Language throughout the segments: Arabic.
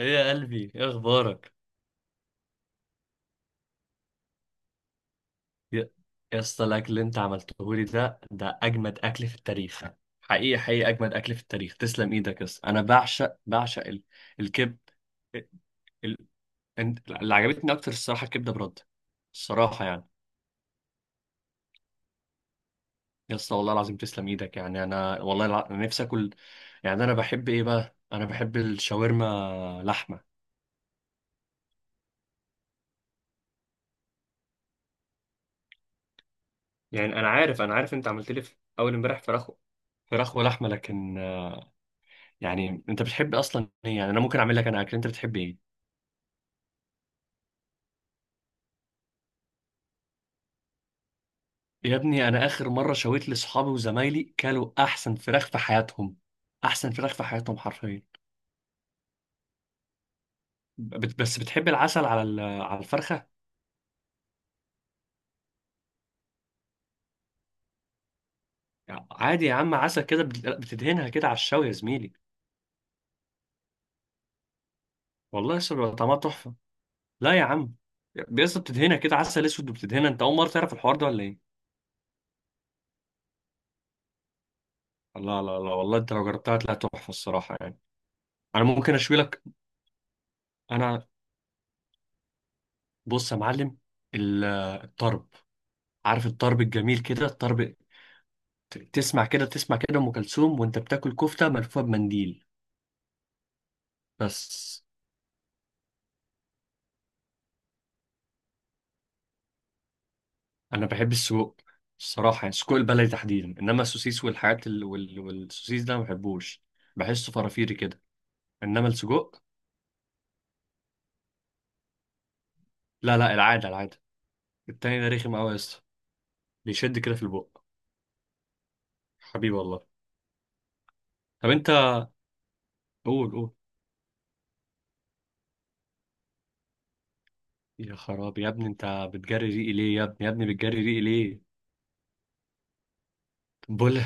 ايه يا قلبي، ايه اخبارك؟ يا يا اسطى الاكل اللي انت عملته لي ده اجمد اكل في التاريخ. حقيقي، حقيقي اجمد اكل في التاريخ. تسلم ايدك يا اسطى، انا بعشق الكب ال... اللي عجبتني اكتر الصراحه الكبده برد. الصراحه يعني. يا اسطى والله العظيم تسلم ايدك، يعني انا انا نفسي اكل. يعني انا بحب ايه بقى؟ انا بحب الشاورما لحمه. يعني انا عارف انت عملت لي في اول امبارح فراخ. فراخ ولحمه، لكن يعني انت بتحب اصلا ايه؟ يعني انا ممكن اعمل لك انا اكل. انت بتحب ايه؟ يا ابني، انا اخر مره شويت لاصحابي وزمايلي، كلوا احسن فراخ في حياتهم. احسن فراخ في حياتهم حرفيا. بس بتحب العسل على على الفرخه؟ عادي يا عم، عسل كده بتدهنها كده على الشوي يا زميلي. والله لسه بيبقى طعمها تحفه. لا يا عم، بيسطا بتدهنها كده عسل اسود وبتدهنها. انت اول مره تعرف الحوار ده ولا ايه؟ لا، لا، لا، والله انت لو جربتها هتلاقيها تحفه الصراحه يعني. انا ممكن اشوي لك. انا، بص يا معلم، ال- الطرب عارف الطرب الجميل كده؟ الطرب. تسمع كده، تسمع كده ام كلثوم وانت بتاكل كفته ملفوفه بمنديل. بس انا بحب السجق الصراحه يعني، السجق البلدي تحديدا، انما السوسيس والحاجات والسوسيس ده ما بحبوش. بحسه فرافيري كده. انما السجق. لا، لا، العاده، العاده. التاني ده رخم قوي يا اسطى. بيشد كده في البق، حبيبي والله. طب انت، قول، قول. يا خرابي، يا ابني، انت بتجري ريقي ليه؟ يا ابني، يا ابني، بتجري ريقي ليه؟ بقول،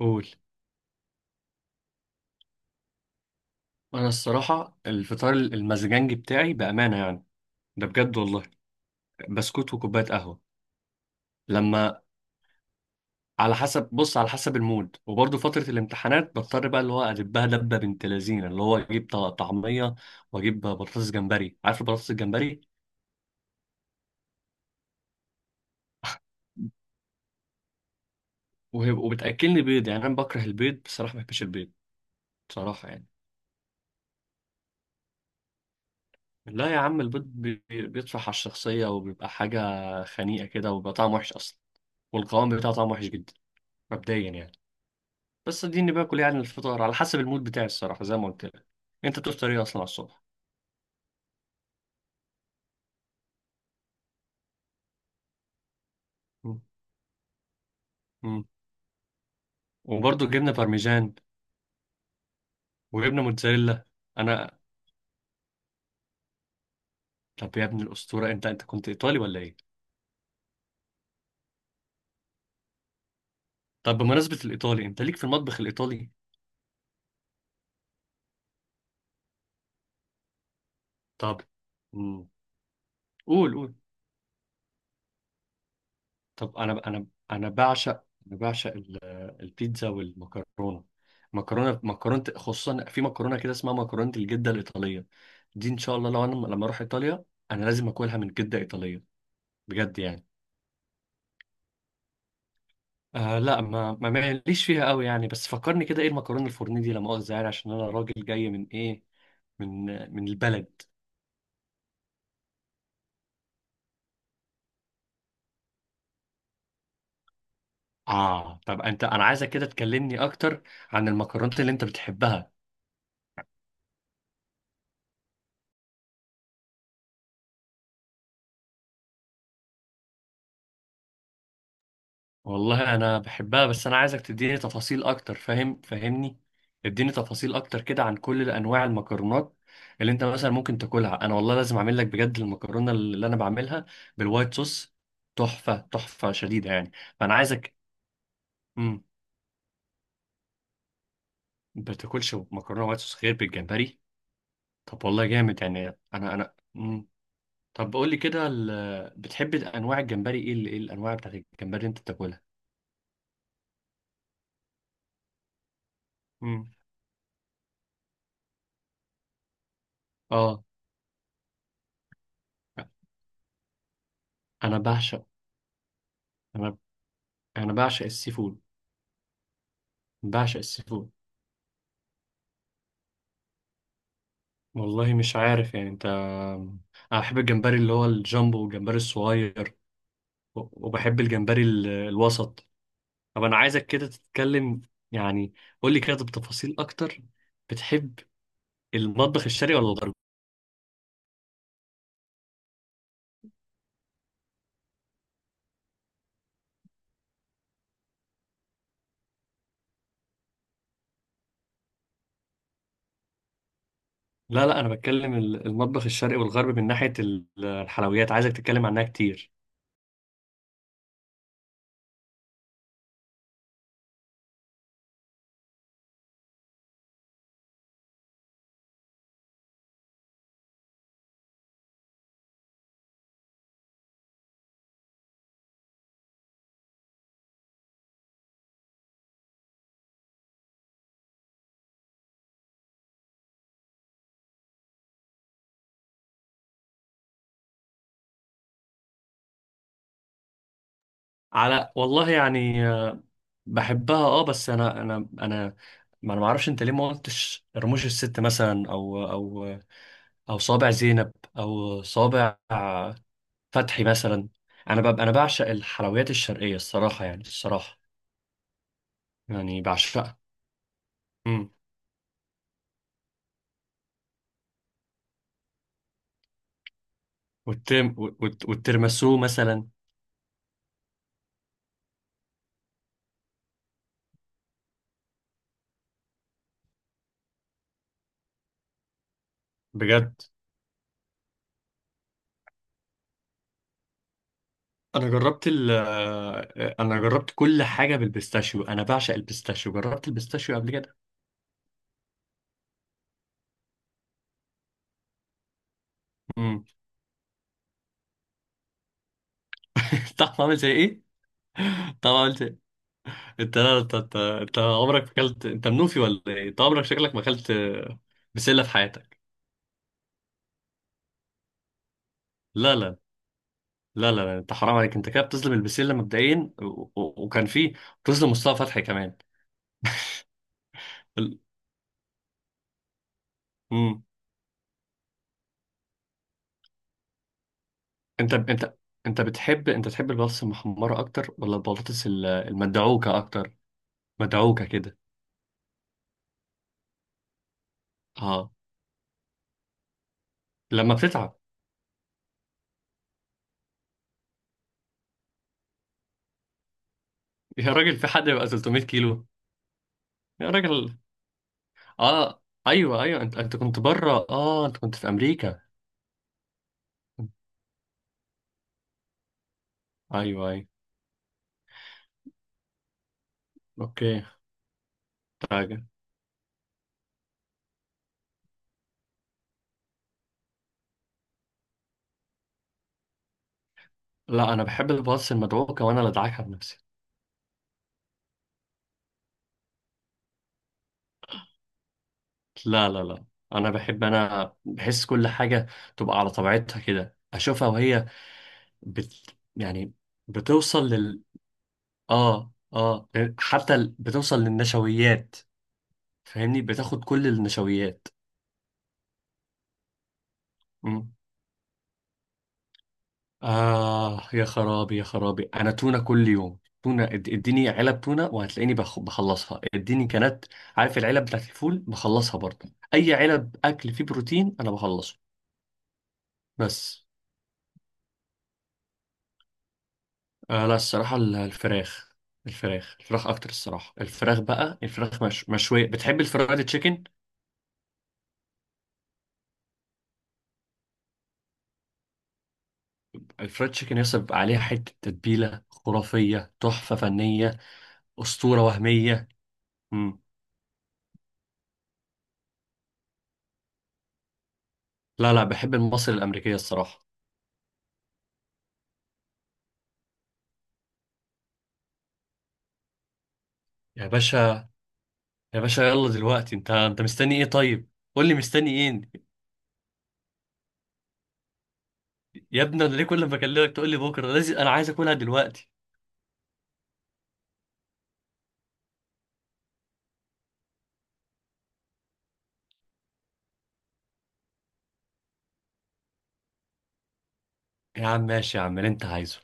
قول. انا الصراحه الفطار المزجنجي بتاعي بامانه يعني، ده بجد والله. بسكوت وكوباية قهوة. لما على حسب، بص على حسب المود، وبرضه فترة الامتحانات بضطر بقى، اللي هو أدبها دبة بنت لذينة، اللي هو أجيب طعمية وأجيب بطاطس جمبري. عارف البطاطس الجمبري؟ وبتأكلني بيض. يعني أنا بكره البيض بصراحة، ما بحبش البيض بصراحة يعني. لا يا عم، البيض بيطفح على الشخصية، وبيبقى حاجة خنيقة كده، وبيبقى طعمه وحش أصلا. والقوام بتاعه طعمه وحش جدا مبدئيا يعني. بس اديني باكل يعني الفطار على حسب المود بتاعي الصراحة، زي ما قلت لك. أنت بتفطر إيه أصلا على الصبح؟ مم. وبرضه جبنه بارميجان، وجبنه موتزاريلا. انا. طب يا ابن الاسطوره، انت كنت ايطالي ولا ايه؟ طب بمناسبه الايطالي، انت ليك في المطبخ الايطالي؟ طب. مم. قول، قول. طب انا بعشق البيتزا والمكرونه. مكرونه، مكرونه خصوصا، في مكرونه كده اسمها مكرونه الجده الايطاليه. دي ان شاء الله لو انا لما اروح ايطاليا، انا لازم اكلها من جده ايطاليه. بجد يعني. آه، لا، ما ما ماليش فيها قوي يعني، بس فكرني كده ايه المكرونه الفرنيه دي؟ لا مؤاخذه يعني، عشان انا راجل جاي من ايه؟ من من البلد اه، طب انت، انا عايزك كده تكلمني اكتر عن المكرونات اللي انت بتحبها. والله انا بحبها، بس انا عايزك تديني تفاصيل اكتر. فاهم، فاهمني. اديني تفاصيل اكتر كده عن كل انواع المكرونات اللي انت مثلا ممكن تاكلها. انا والله لازم اعمل لك بجد المكرونه اللي انا بعملها بالوايت صوص. تحفه، تحفه شديده يعني. فانا عايزك. ما بتاكلش مكرونه وايت صوص غير بالجمبري؟ طب والله جامد يعني. انا. مم. طب قول لي كده، بتحب انواع الجمبري ايه؟ ايه الانواع بتاعت الجمبري اللي انت بتاكلها؟ مم. اه، انا بعشق انا انا بعشق السي فود، بعشق السي فود. والله مش عارف يعني انت. انا بحب الجمبري اللي هو الجامبو، والجمبري الصغير، وبحب الجمبري الوسط طب انا عايزك كده تتكلم يعني، قول لي كده بتفاصيل اكتر. بتحب المطبخ الشرقي ولا الغربي؟ لا، لا، انا بتكلم المطبخ الشرقي والغربي من ناحيه الحلويات عايزك تتكلم عنها كتير. على والله يعني، آه، بحبها اه. بس انا ما اعرفش انت ليه ما قلتش رموش الست مثلا، او، او صابع زينب، او صابع فتحي مثلا. انا بعشق الحلويات الشرقيه الصراحه يعني، الصراحه يعني بعشقها. امم والترمسو مثلا. بجد. انا جربت كل حاجه بالبيستاشيو. انا بعشق البيستاشيو، جربت البيستاشيو قبل كده. امم طعمه عامل زي ايه؟ طعمه عامل زي. انت؟ لا، انت، انت عمرك ما اكلت. انت منوفي ولا ايه؟ انت عمرك، شكلك ما اكلت بسله في حياتك. لا، لا، لا، لا، لا، انت حرام عليك. انت كده بتظلم البسله مبدئيا وكان في. بتظلم مصطفى فتحي كمان. ال... امم انت انت انت تحب البطاطس المحمره اكتر ولا البطاطس المدعوكه اكتر؟ مدعوكه كده. اه، لما بتتعب. يا راجل، في حد يبقى 300 كيلو؟ يا راجل. اه، ايوه، ايوه، انت كنت بره، اه، انت كنت في امريكا. ايوه، ايوه، اوكي. حاجه. لا، انا بحب الباص المدعوكه، وانا اللي ادعكها بنفسي. لا، لا، لا، انا بحب، انا بحس كل حاجه تبقى على طبيعتها كده، اشوفها وهي يعني بتوصل اه، اه، حتى بتوصل للنشويات، فاهمني، بتاخد كل النشويات. آه يا خرابي، يا خرابي، أنا تونة كل يوم، تونة. اديني علب تونة وهتلاقيني بخلصها اديني كانت، عارف العلب بتاعت الفول؟ بخلصها برضه. أي علب أكل فيه بروتين أنا بخلصه. بس. آه، لا، الصراحة الفراخ الفراخ، الفراخ أكتر الصراحة. الفراخ بقى الفراخ مش مشوية، بتحب الفرايد تشيكن. الفرايد تشيكن يصب بيبقى عليها حتة تتبيلة خرافية، تحفة فنية، أسطورة وهمية. مم. لا، لا، بحب المصري الأمريكية الصراحة. يا باشا، يا باشا، يلا دلوقتي، انت مستني ايه طيب؟ قول لي مستني ايه. يا ابني، انا ليه كل ما اكلمك تقول لي بكره؟ لازم، انا عايز اكلها دلوقتي. يا عم، ماشي يا عم، اللي انت عايزه.